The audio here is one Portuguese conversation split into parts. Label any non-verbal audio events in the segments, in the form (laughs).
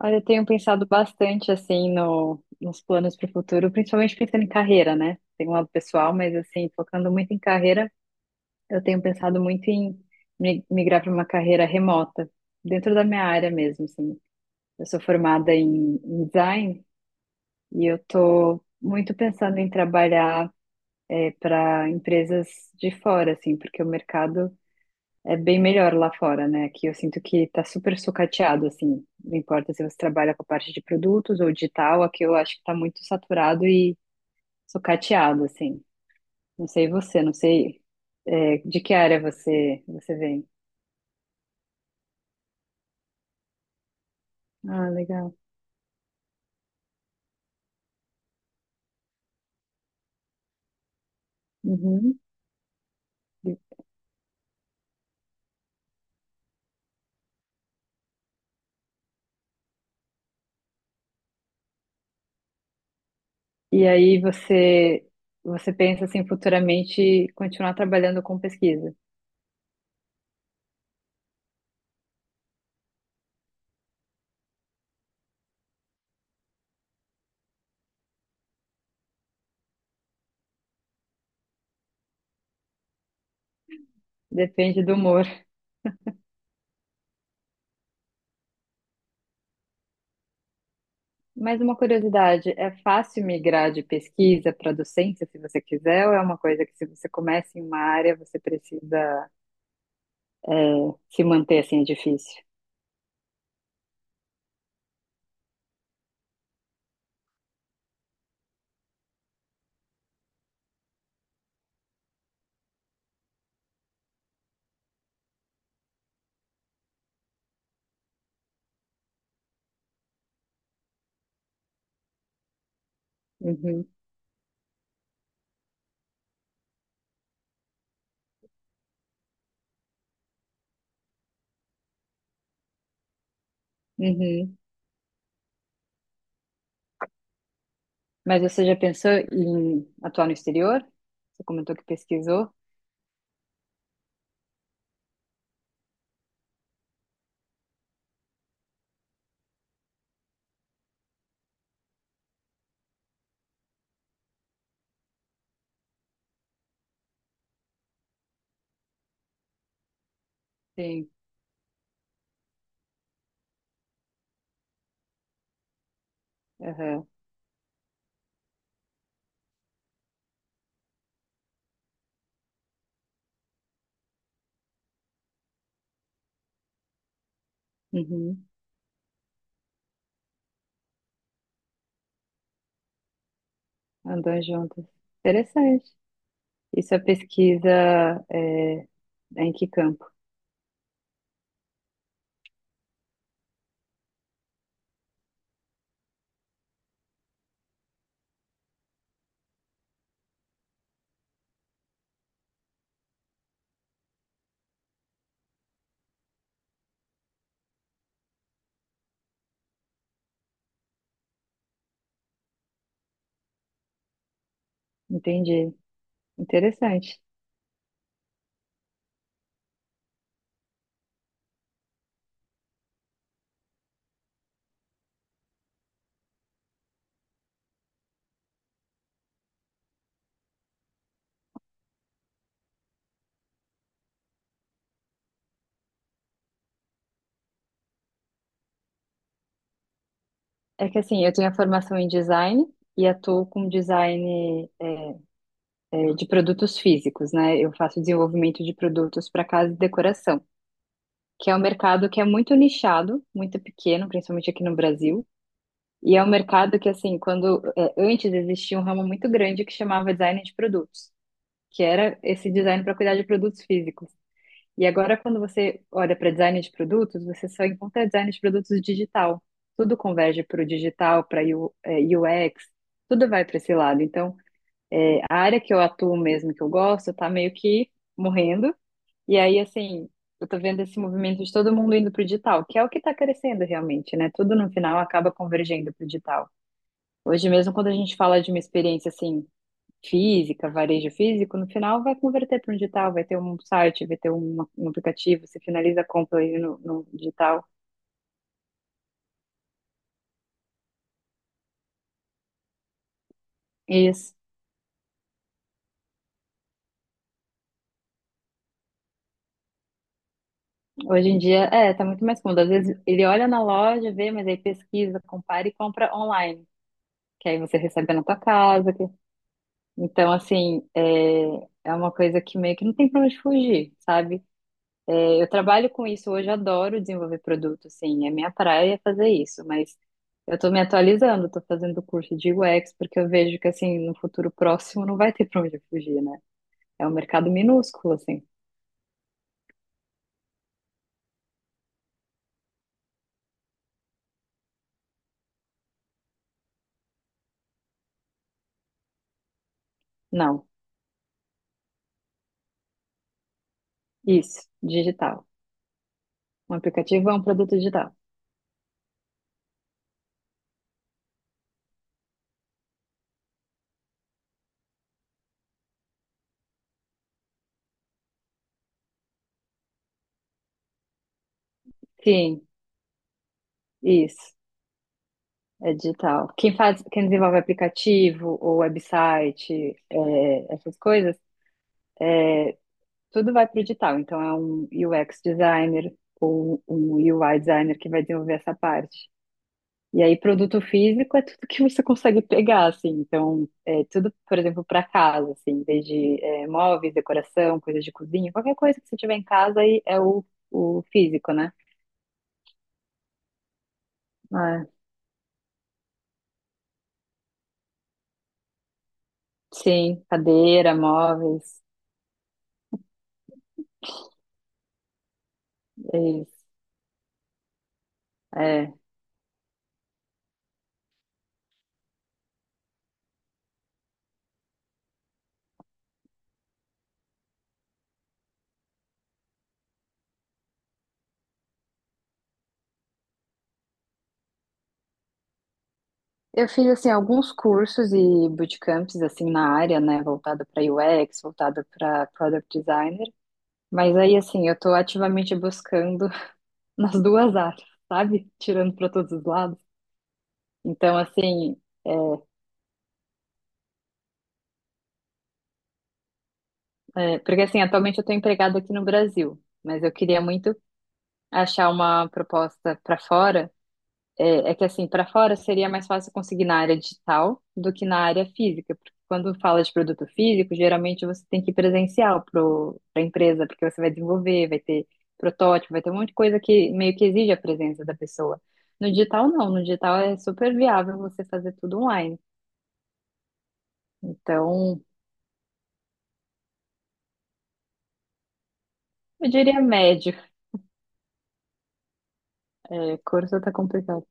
Olha, eu tenho pensado bastante assim no, nos planos para o futuro, principalmente pensando em carreira, né? Tem um lado pessoal, mas assim, focando muito em carreira, eu tenho pensado muito em migrar para uma carreira remota, dentro da minha área mesmo, assim. Eu sou formada em design e eu tô muito pensando em trabalhar para empresas de fora, assim, porque o mercado é bem melhor lá fora, né? Aqui eu sinto que tá super sucateado, assim. Não importa se você trabalha com a parte de produtos ou digital, aqui eu acho que tá muito saturado e sucateado, assim. Não sei você, não sei é, de que área você vem. Ah, legal. Uhum. E aí você pensa assim futuramente continuar trabalhando com pesquisa. Depende do humor. Mas uma curiosidade, é fácil migrar de pesquisa para docência, se você quiser, ou é uma coisa que, se você começa em uma área, você precisa se manter assim, é difícil? Uhum, uhum. Mas você já pensou em atuar no exterior? Você comentou que pesquisou? Sim. Aham, uhum. Andam juntos. Interessante. Isso é pesquisa, é, é em que campo? Entendi. Interessante. É que assim, eu tenho a formação em design e atuo com design, é, de produtos físicos, né? Eu faço desenvolvimento de produtos para casa e decoração, que é um mercado que é muito nichado, muito pequeno, principalmente aqui no Brasil. E é um mercado que, assim, quando é, antes existia um ramo muito grande que chamava design de produtos, que era esse design para cuidar de produtos físicos. E agora, quando você olha para design de produtos, você só encontra design de produtos digital. Tudo converge para o digital, para UX, tudo vai para esse lado. Então, é, a área que eu atuo mesmo, que eu gosto, tá meio que morrendo. E aí, assim, eu tô vendo esse movimento de todo mundo indo pro digital, que é o que tá crescendo realmente, né? Tudo no final acaba convergendo pro digital. Hoje mesmo, quando a gente fala de uma experiência, assim, física, varejo físico, no final vai converter para um digital, vai ter um site, vai ter um aplicativo, você finaliza a compra aí no digital. Isso. Hoje em dia, é, tá muito mais cômodo. Às vezes ele olha na loja, vê, mas aí pesquisa, compara e compra online. Que aí você recebe na tua casa. Então, assim, é, é uma coisa que meio que não tem pra onde fugir, sabe? É, eu trabalho com isso hoje, eu adoro desenvolver produto, assim, é, minha praia é fazer isso, mas eu tô me atualizando, tô fazendo curso de UX, porque eu vejo que, assim, no futuro próximo não vai ter pra onde fugir, né? É um mercado minúsculo, assim. Não, isso, digital. Um aplicativo é um produto digital. Sim, isso. É digital. Quem faz, quem desenvolve aplicativo ou website, é, essas coisas, tudo vai para o digital. Então é um UX designer ou um UI designer que vai desenvolver essa parte. E aí, produto físico é tudo que você consegue pegar, assim. Então, é tudo, por exemplo, para casa, assim, desde é, móveis, decoração, coisas de cozinha, qualquer coisa que você tiver em casa aí é o físico, né? Ah, sim, cadeira, móveis, é isso. É. Eu fiz assim alguns cursos e bootcamps assim na área, né, voltada para UX, voltada para product designer, mas aí assim, eu tô ativamente buscando (laughs) nas duas áreas, sabe? Tirando para todos os lados. Então, assim, porque assim, atualmente eu tô empregada aqui no Brasil, mas eu queria muito achar uma proposta para fora. É, é que assim, para fora seria mais fácil conseguir na área digital do que na área física, porque quando fala de produto físico, geralmente você tem que ir presencial para a empresa, porque você vai desenvolver, vai ter protótipo, vai ter um monte de coisa que meio que exige a presença da pessoa. No digital, não. No digital é super viável você fazer tudo online. Então, eu diria médio. É, curso tá complicado.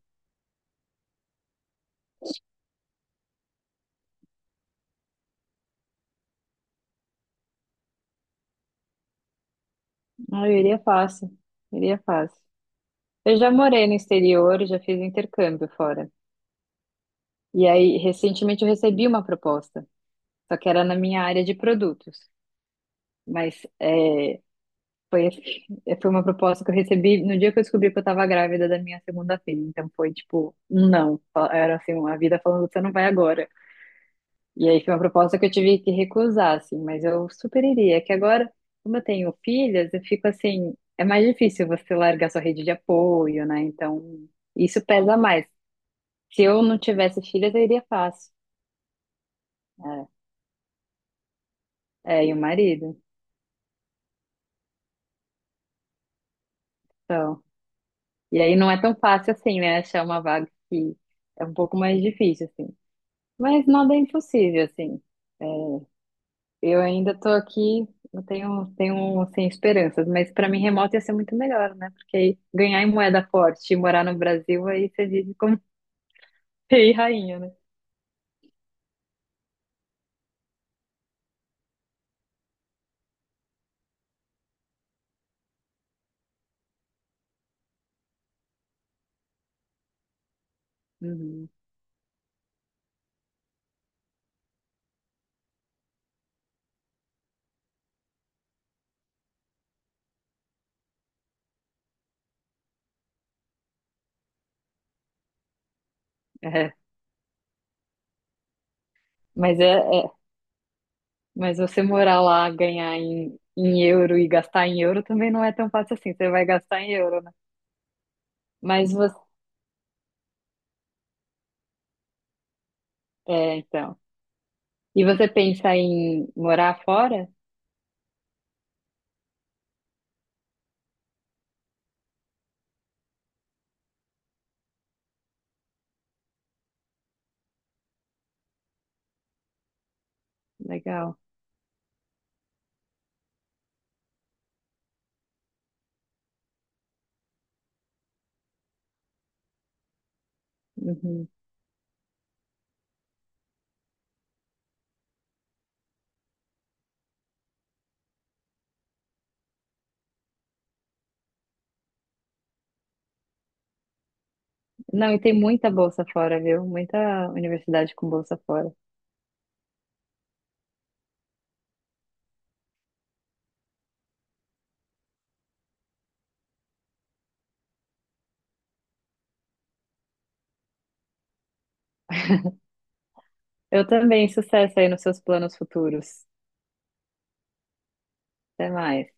Ah, eu iria fácil. Iria fácil. Eu já morei no exterior, já fiz intercâmbio fora. E aí, recentemente, eu recebi uma proposta. Só que era na minha área de produtos. Mas é, foi, assim, (laughs) foi uma proposta que eu recebi no dia que eu descobri que eu estava grávida da minha segunda filha. Então foi tipo, um não. Era assim, uma vida falando, você não vai agora. E aí foi uma proposta que eu tive que recusar, assim, mas eu super iria. É. Que agora, como eu tenho filhas, eu fico assim, é mais difícil você largar sua rede de apoio, né? Então, isso pesa mais. Se eu não tivesse filhas, eu iria fácil. É, é, e o marido. Então, e aí não é tão fácil assim, né? Achar uma vaga que é um pouco mais difícil, assim. Mas nada é impossível, assim. É, eu ainda tô aqui, eu tenho assim, esperanças, mas para mim remoto ia ser muito melhor, né? Porque aí ganhar em moeda forte e morar no Brasil, aí você vive como (laughs) rei e rainha, né? Uhum. É. Mas é, é, mas você morar lá, ganhar em euro e gastar em euro também não é tão fácil assim. Você vai gastar em euro, né? Mas você, é, então. E você pensa em morar fora? Legal. Uhum. Não, e tem muita bolsa fora, viu? Muita universidade com bolsa fora. Eu também, sucesso aí nos seus planos futuros. Até mais.